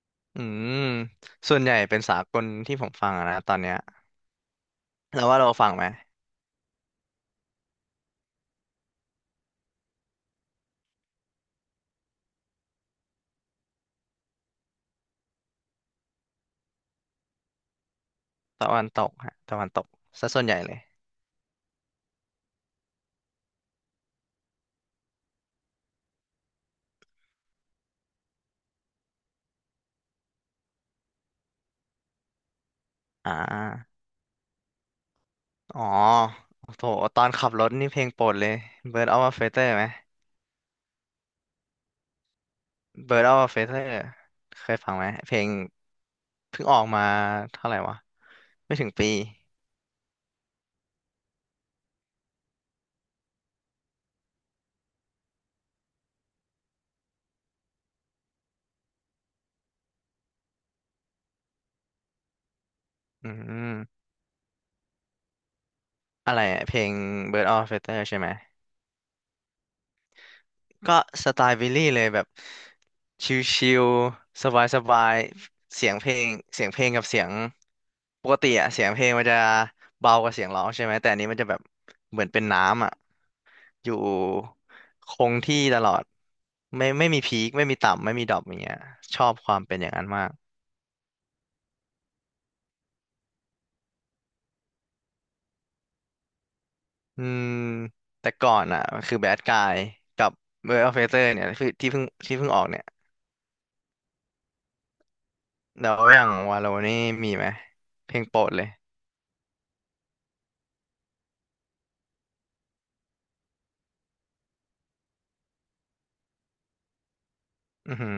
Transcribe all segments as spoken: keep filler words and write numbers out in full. อืมส่วนใหญ่เป็นสากลที่ผมฟังอะนะตอนเนี้ยแล้วว่าเราฟังไหมตะวันตกฮะตะวันตกซะส่วนใหญ่เลยอ่าอ๋อโอ้โหตอนขับรถนี่เพลงโปรดเลย Bird of a Feather ไหม Bird of a Feather เคยฟังไหมเพลงเพิ่งออกมาเท่าไหร่วะไม่ถึงปีอืมอะไรอะเพลง Bird of a Feather ใช่ไหม ก็สไตล์บิลลี่เลยแบบชิลๆสบายๆเสียงเพลงเสียงเพลงกับเสียงปกติอะเสียงเพลงมันจะเบากว่าเสียงร้องใช่ไหมแต่อันนี้มันจะแบบเหมือนเป็นน้ำอะอยู่คงที่ตลอดไม่ไม่มีพีคไม่มีต่ำไม่มีดรอปอย่างเงี้ยชอบความเป็นอย่างนั้นมากอืมแต่ก่อนอ่ะคือแบดกายกับเวอร์เฟเตอร์เนี่ยคือที่เพิ่งที่เพิ่งออกเนี่ยแล้วอย่างวาโลนี่มีไหมเพลงโปรดเลยอือหือ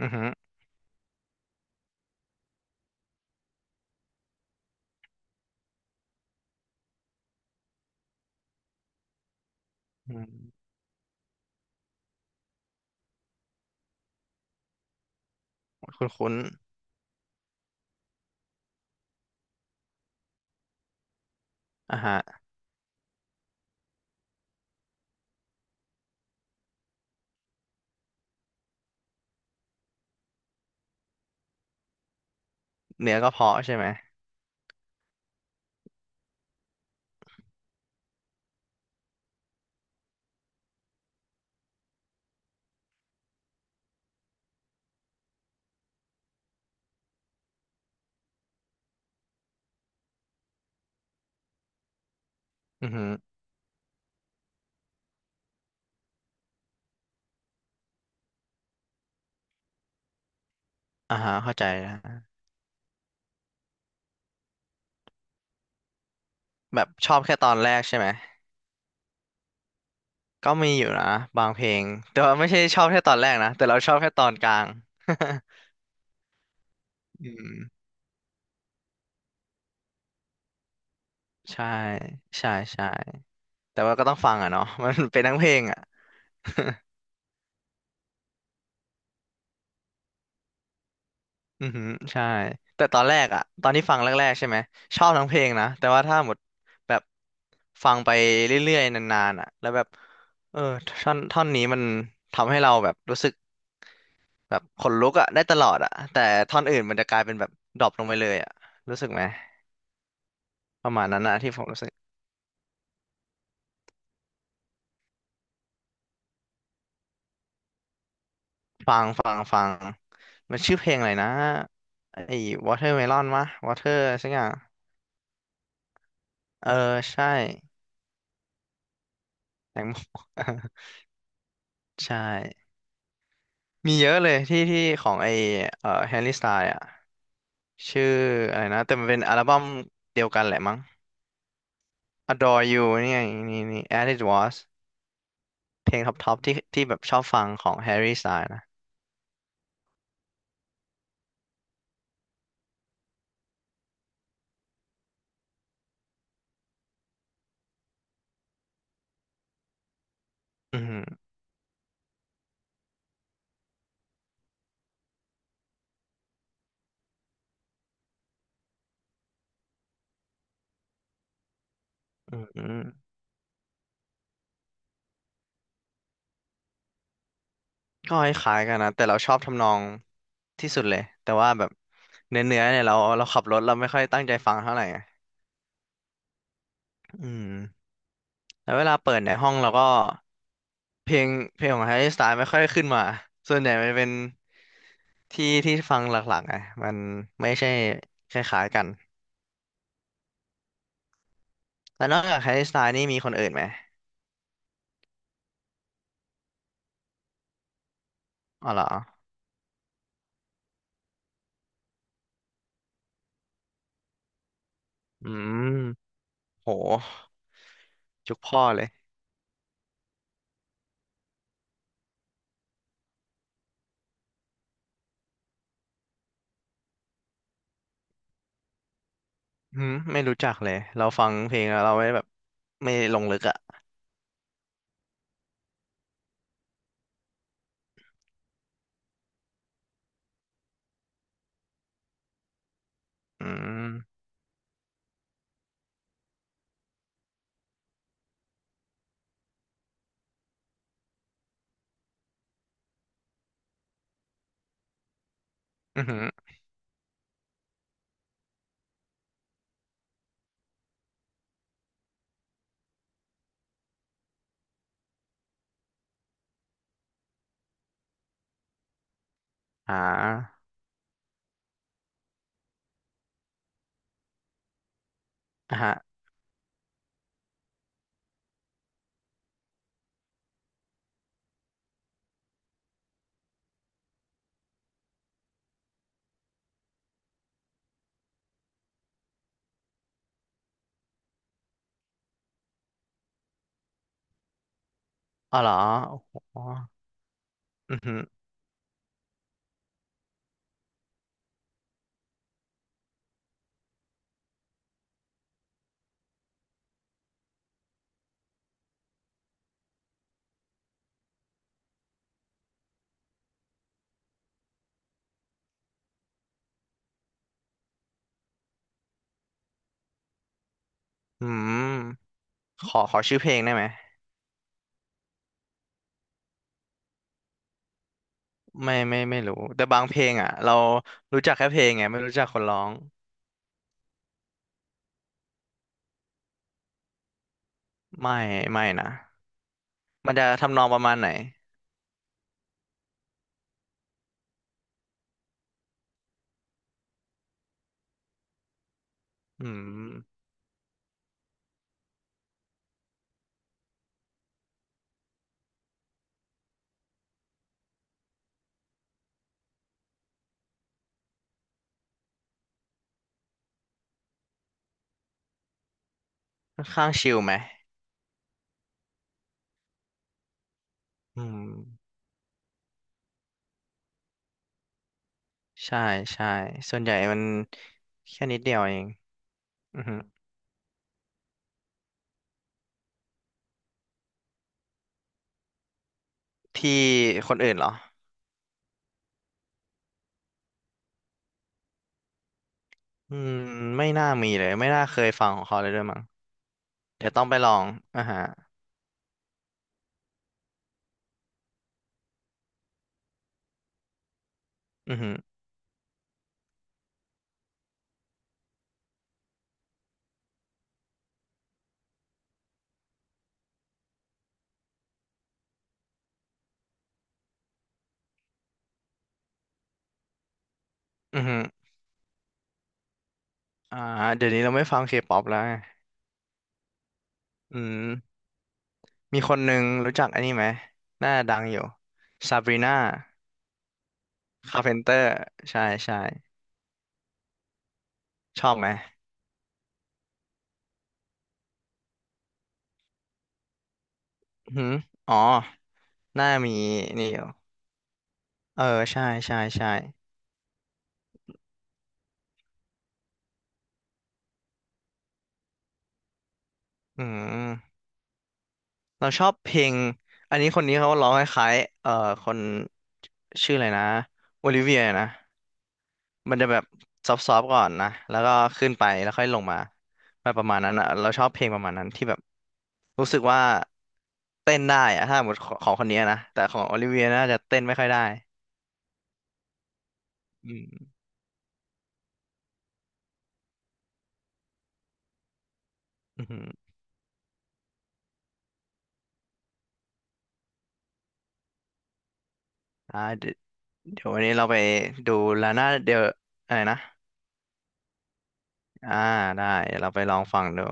อือหือ อืมคุ้นๆอ่าฮะเนื้อก็เพาะใช่ไหมอือฮึอ่าฮะเข้าใจนะแบบชอบแค่ตอนแรกใช่ไหมก็มีอยู่นะบางเพลงแต่ว่าไม่ใช่ชอบแค่ตอนแรกนะแต่เราชอบแค่ตอนกลาง อืมใช่ใช่ใช่แต่ว่าก็ต้องฟังอ่ะเนาะ มันเป็นทั้งเพลงอ่ะ อือฮึใช่แต่ตอนแรกอ่ะตอนที่ฟังแรกๆใช่ไหมชอบทั้งเพลงนะแต่ว่าถ้าหมดแบบฟังไปเรื่อยๆนานๆอ่ะแล้วแบบเออท่อนท่อนนี้มันทำให้เราแบบรู้สึก แบบขนลุกอะได้ตลอดอะแต่ท่อนอื่นมันจะกลายเป็นแบบดรอปลงไปเลยอะรู้สึกไหมประมาณนั้นนะที่ผมรู้สึกฟังฟังฟังมันชื่อเพลงอะไรนะไอ้ Watermelon มะ Water สักอย่างเออใช่แตงโม ใช่มีเยอะเลยที่ที่ของไอ้เอ่อแฮร์รี่สไตล์อะชื่ออะไรนะแต่มันเป็นอัลบั้มเดียวกันแหละมั้ง Adore You นี่ไงนี่นี่ As It Was เพลงท็อปท็อปที่ที่แบบชอบฟังของแฮร์รี่สไตล์นะอืมอืม ก็คล้ายๆกันนะแต่เราชอบทำนองที่สุดเลยแต่ว่าแบบเนื้อเนื้อเนี่ยเราเราขับรถเราไม่ค่อยตั้งใจฟังเท่าไหร่ไงอืมแล้วเวลาเปิดในห้องเราก็เพลงเพลงของแฮร์รี่สไตล์ไม่ค่อยขึ้นมาส่วนใหญ่มันเป็นที่ที่ฟังหลักๆไงมันไม่ใช่คล้ายๆกันแล้วนอกจากแฮร์รี่สไตล์นี่มีคนอื่นไหมอ๋อเหรออืมโหจุกพ่อเลยอืมไม่รู้จักเลยเราฟังเพลงแล้วเราไม่แบบไม่ลงลึกอ่ะอืมอือหืออ่าอ่าฮะ อ๋อเหรอโอ้โหอือหืออืมขอขอชื่อเพลงได้ไหม ไม่ไม่ไม่รู้แต่บางเพลงอ่ะเรารู้จักแค่เพลงไงไม่รู้จักคนร้อง ไม่ไม่นะ มันจะทำนองประมาณไหนอืมค่อนข้างชิลไหมอืมใช่ใช่ ส่วนใหญ่มันแค่นิดเดียวเองอือหือที่คนอื่นเหรออืมไม่น่ามีเลยไม่น่าเคยฟังของเขาเลยด้วยมั้งเดี๋ยวต้องไปลอง อ่าฮะอือหืออือหืออ่าเดี๋ยวนี้เราไม่ฟังเคป๊อปแล้วไงอืม มีคนหนึ่งรู้จักอันนี้ไหมหน้าดังอยู่ซาบรีนาคาร์เพนเตอร์ใช่ใช่ ชอบไหมอือหืออ๋อหน้ามีนี่อยู่ เออ ใช่ใช่ใช่อืม เราชอบเพลงอันนี้คนนี้เขาร้องคล้ายๆเอ่อคนชื่ออะไรนะโอลิเวียนะมันจะแบบซอฟๆก่อนนะแล้วก็ขึ้นไปแล้วค่อยลงมาแบบประมาณนั้นอ่ะเราชอบเพลงประมาณนั้นที่แบบรู้สึกว่าเต้นได้อะถ้าหมดของคนนี้นะแต่ของโอลิเวียน่าจะเต้นไม่ค่อยได้อืมอือหืออ่าเดี๋ยวเดี๋ยววันนี้เราไปดูลาน่าเดลอะไรนะอ่าได้เดี๋ยวเราไปลองฟังดู